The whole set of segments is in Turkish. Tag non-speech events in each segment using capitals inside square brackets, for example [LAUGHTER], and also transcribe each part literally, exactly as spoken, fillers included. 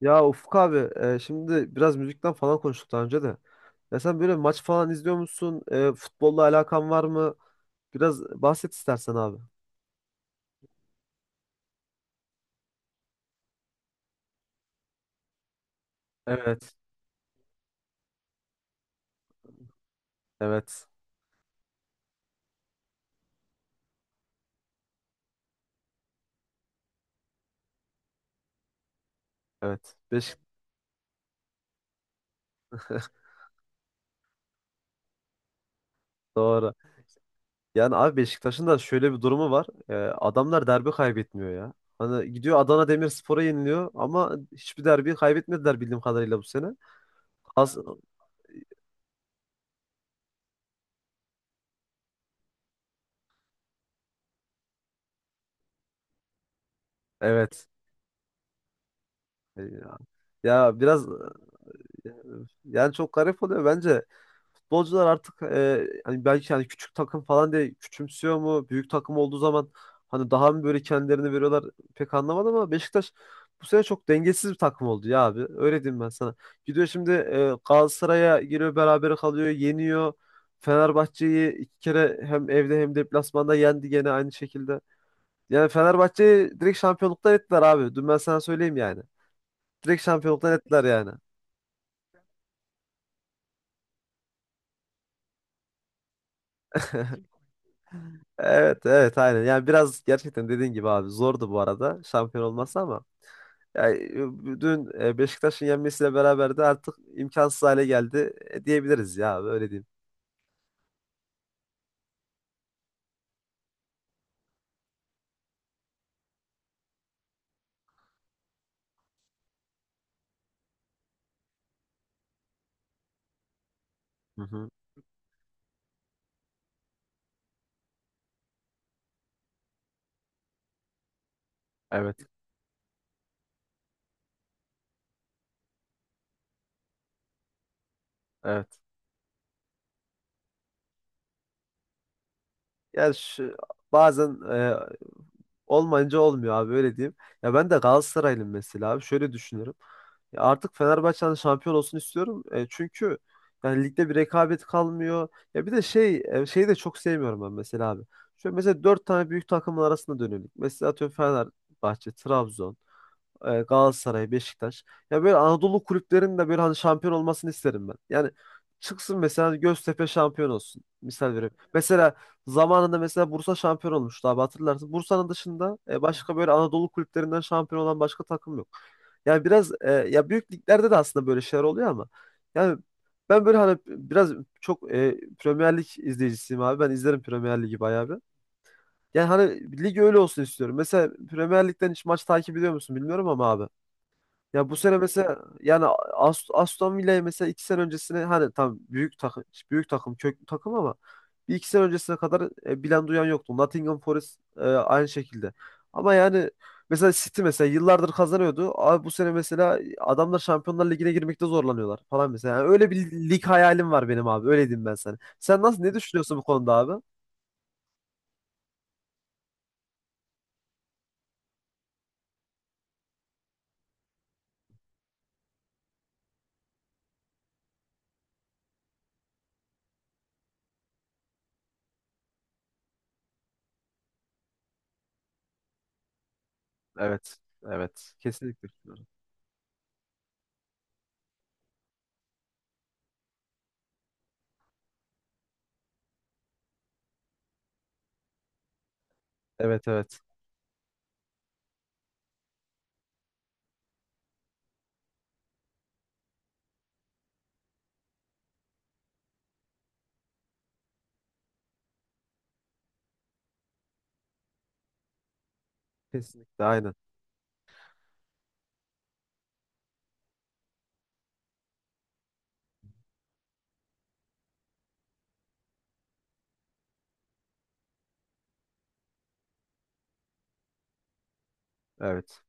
Ya Ufuk abi e, şimdi biraz müzikten falan konuştuk daha önce de. Ya sen böyle maç falan izliyor musun? E, futbolla alakan var mı? Biraz bahset istersen abi. Evet, evet, evet. Beşik [LAUGHS] doğru. Yani abi Beşiktaş'ın da şöyle bir durumu var. E, adamlar derbi kaybetmiyor ya. Hani gidiyor Adana Demirspor'a yeniliyor ama hiçbir derbi kaybetmediler bildiğim kadarıyla bu sene. Az evet. E, Ya, ya biraz e, yani çok garip oluyor bence. Futbolcular artık e, hani belki hani küçük takım falan diye küçümsüyor mu? Büyük takım olduğu zaman hani daha mı böyle kendilerini veriyorlar pek anlamadım ama Beşiktaş bu sene çok dengesiz bir takım oldu ya abi. Öyle diyeyim ben sana. Gidiyor şimdi e, Galatasaray'a giriyor berabere kalıyor, yeniyor. Fenerbahçe'yi iki kere hem evde hem deplasmanda yendi gene aynı şekilde. Yani Fenerbahçe'yi direkt şampiyonluktan ettiler abi. Dün ben sana söyleyeyim yani. Direkt şampiyonluktan ettiler yani. [LAUGHS] Evet, evet, aynen. Yani biraz gerçekten dediğin gibi abi zordu bu arada şampiyon olması ama yani e, dün e, Beşiktaş'ın yenmesiyle beraber de artık imkansız hale geldi e, diyebiliriz ya abi öyle diyeyim. Hı hı. Evet, evet. Yani şu, bazen e, Olmayınca olmuyor abi öyle diyeyim. Ya ben de Galatasaraylıyım mesela abi. Şöyle düşünüyorum. Ya artık Fenerbahçe'nin şampiyon olsun istiyorum. E, çünkü yani ligde bir rekabet kalmıyor. Ya bir de şey e, şeyi de çok sevmiyorum ben mesela abi. Şöyle mesela dört tane büyük takımın arasında dönüyorum. Mesela atıyorum Fenerbahçe, Trabzon e, Galatasaray, Beşiktaş. Ya böyle Anadolu kulüplerinin de böyle hani şampiyon olmasını isterim ben. Yani çıksın mesela hani Göztepe şampiyon olsun. Misal vereyim. Mesela zamanında mesela Bursa şampiyon olmuştu abi hatırlarsın. Bursa'nın dışında e, başka böyle Anadolu kulüplerinden şampiyon olan başka takım yok. Yani biraz e, ya büyük liglerde de aslında böyle şeyler oluyor ama yani ben böyle hani biraz çok e, Premier Lig izleyicisiyim abi. Ben izlerim Premier Ligi bayağı bir. Yani hani lig öyle olsun istiyorum. Mesela Premier Lig'den hiç maç takip ediyor musun bilmiyorum ama abi. Ya bu sene mesela yani Ast- Aston Villa'ya mesela iki sene öncesine hani tam büyük takım büyük takım köklü takım ama bir iki sene öncesine kadar e, bilen duyan yoktu. Nottingham Forest e, aynı şekilde. Ama yani mesela City mesela yıllardır kazanıyordu. Abi bu sene mesela adamlar Şampiyonlar Ligi'ne girmekte zorlanıyorlar falan mesela. Yani öyle bir lig hayalim var benim abi. Öyle diyeyim ben sana. Sen nasıl ne düşünüyorsun bu konuda abi? Evet. Evet. Kesinlikle düşünüyorum. Evet, evet. Kesinlikle aynen. Evet.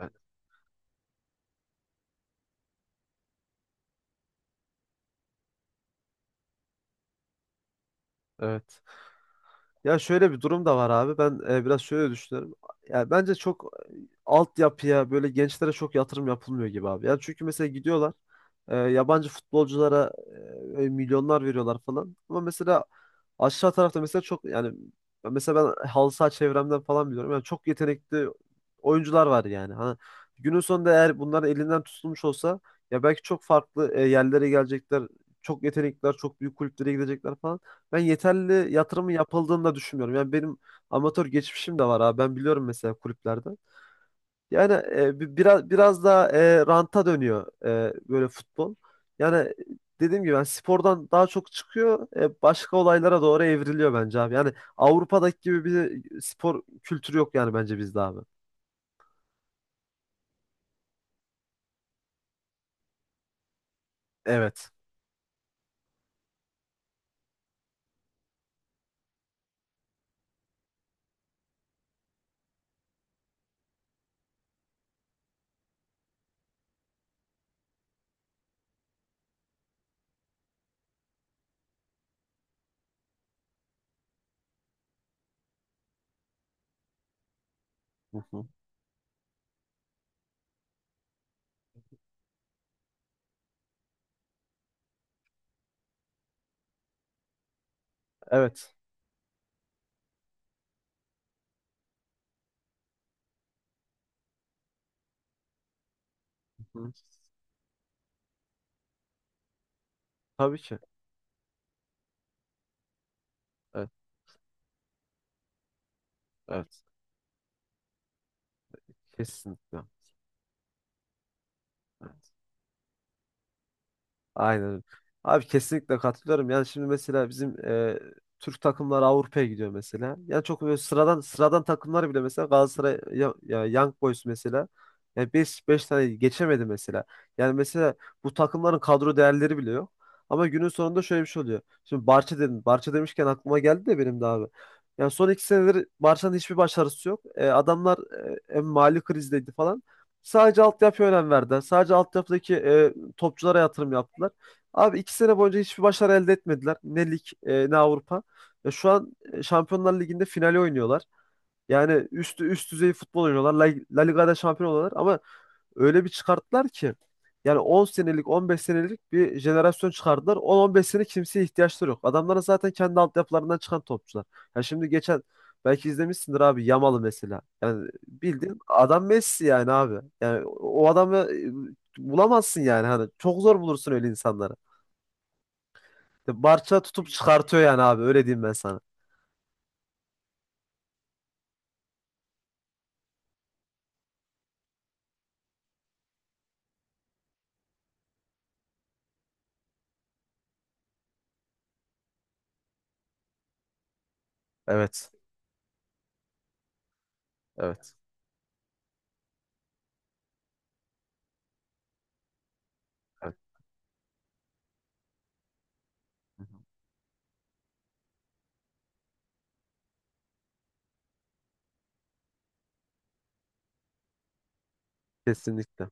Evet. Evet. Ya şöyle bir durum da var abi. Ben e, biraz şöyle düşünüyorum. Ya bence çok e, altyapıya böyle gençlere çok yatırım yapılmıyor gibi abi. Yani çünkü mesela gidiyorlar e, yabancı futbolculara e, milyonlar veriyorlar falan. Ama mesela aşağı tarafta mesela çok yani mesela ben halı saha çevremden falan biliyorum. Yani çok yetenekli oyuncular var yani. Hani günün sonunda eğer bunların elinden tutulmuş olsa ya belki çok farklı e, yerlere gelecekler. Çok yetenekliler, çok büyük kulüplere gidecekler falan. Ben yeterli yatırımın yapıldığını da düşünmüyorum. Yani benim amatör geçmişim de var abi. Ben biliyorum mesela kulüplerde. Yani e, bi- biraz biraz daha e, ranta dönüyor e, böyle futbol. Yani dediğim gibi yani spordan daha çok çıkıyor, e, başka olaylara doğru evriliyor bence abi. Yani Avrupa'daki gibi bir spor kültürü yok yani bence bizde abi. Evet. Hı hı. Evet. Hı hı. Tabii ki. Evet. Evet. Kesinlikle. Aynen. Abi kesinlikle katılıyorum. Yani şimdi mesela bizim e, Türk takımları Avrupa'ya gidiyor mesela. Yani çok böyle sıradan sıradan takımlar bile mesela Galatasaray ya, ya Young Boys mesela yani beş 5 tane geçemedi mesela. Yani mesela bu takımların kadro değerleri bile yok. Ama günün sonunda şöyle bir şey oluyor. Şimdi Barça dedim. Barça demişken aklıma geldi de benim de abi. Yani son iki senedir Barça'nın hiçbir başarısı yok. E, adamlar e, hem mali krizdeydi falan. Sadece altyapıya önem verdiler. Sadece altyapıdaki e, topçulara yatırım yaptılar. Abi iki sene boyunca hiçbir başarı elde etmediler. Ne lig e, ne Avrupa. Ya şu an e, Şampiyonlar Ligi'nde finali oynuyorlar. Yani üstü üst düzey futbol oynuyorlar. La, La Liga'da şampiyon oluyorlar ama öyle bir çıkarttılar ki yani on senelik on beş senelik bir jenerasyon çıkardılar. on on beş sene kimseye ihtiyaçları yok. Adamların zaten kendi altyapılarından çıkan topçular. Ya şimdi geçen belki izlemişsindir abi Yamal'ı mesela. Yani bildiğin adam Messi yani abi. Yani o o adamı e, bulamazsın yani hani çok zor bulursun öyle insanları. Barça tutup çıkartıyor yani abi öyle diyeyim ben sana. Evet. Evet. Evet. Kesinlikle.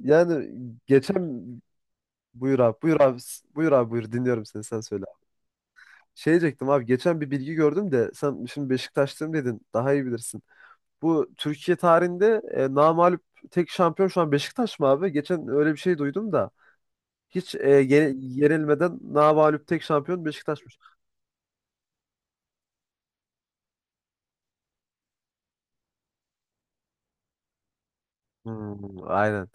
Yani geçen buyur abi, buyur abi, buyur abi, buyur, dinliyorum seni, sen söyle abi. Şey diyecektim abi, geçen bir bilgi gördüm de sen şimdi Beşiktaşlıyım dedin, daha iyi bilirsin. Bu Türkiye tarihinde e, namağlup tek şampiyon şu an Beşiktaş mı abi? Geçen öyle bir şey duydum da. Hiç e, ye- yenilmeden namağlup tek şampiyon Beşiktaş'mış. Hmm, aynen.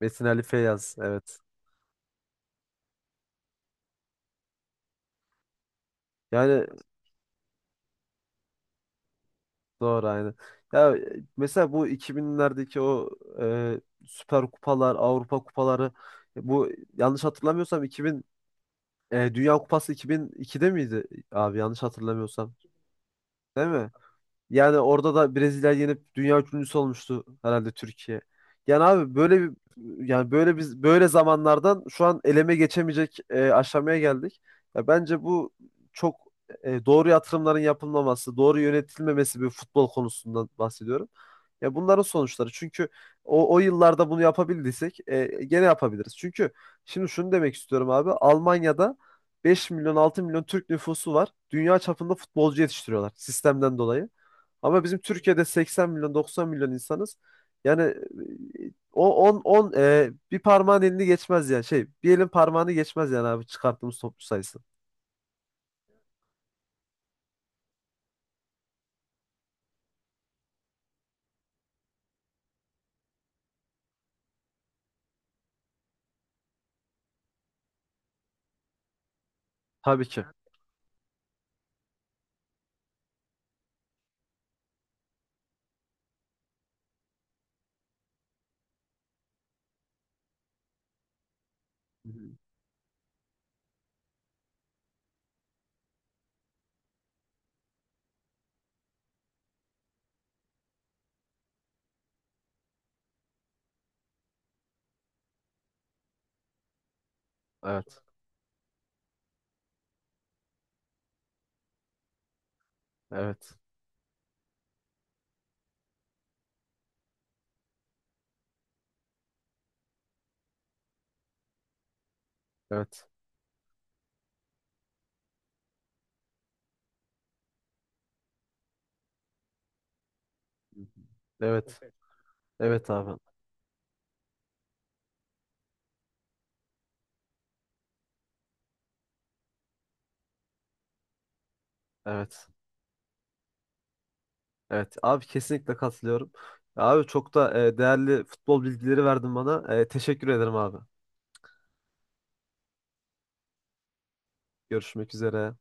Metin Ali Feyyaz. Evet. Yani doğru aynen. Ya e, mesela bu iki binlerdeki o e, Süper Kupalar, Avrupa Kupaları e, bu yanlış hatırlamıyorsam iki bin e, Dünya Kupası iki bin ikide miydi abi, yanlış hatırlamıyorsam. Değil mi? Yani orada da Brezilya yenip dünya üçüncüsü olmuştu herhalde Türkiye. Yani abi böyle bir yani böyle biz böyle zamanlardan şu an eleme geçemeyecek e, aşamaya geldik. Ya bence bu çok e, doğru yatırımların yapılmaması, doğru yönetilmemesi bir futbol konusundan bahsediyorum. Ya bunların sonuçları. Çünkü o, o yıllarda bunu yapabildiysek e, gene yapabiliriz. Çünkü şimdi şunu demek istiyorum abi. Almanya'da beş milyon altı milyon Türk nüfusu var. Dünya çapında futbolcu yetiştiriyorlar sistemden dolayı. Ama bizim Türkiye'de seksen milyon doksan milyon insanız. Yani e, o on on e, bir parmağın elini geçmez yani şey bir elin parmağını geçmez yani abi, çıkarttığımız toplu sayısı. Tabii ki. Hı hı. Evet. Evet. Evet. Evet. Evet abi. Evet. Evet. Abi kesinlikle katılıyorum. Abi çok da e, değerli futbol bilgileri verdin bana. E, teşekkür ederim abi. Görüşmek üzere.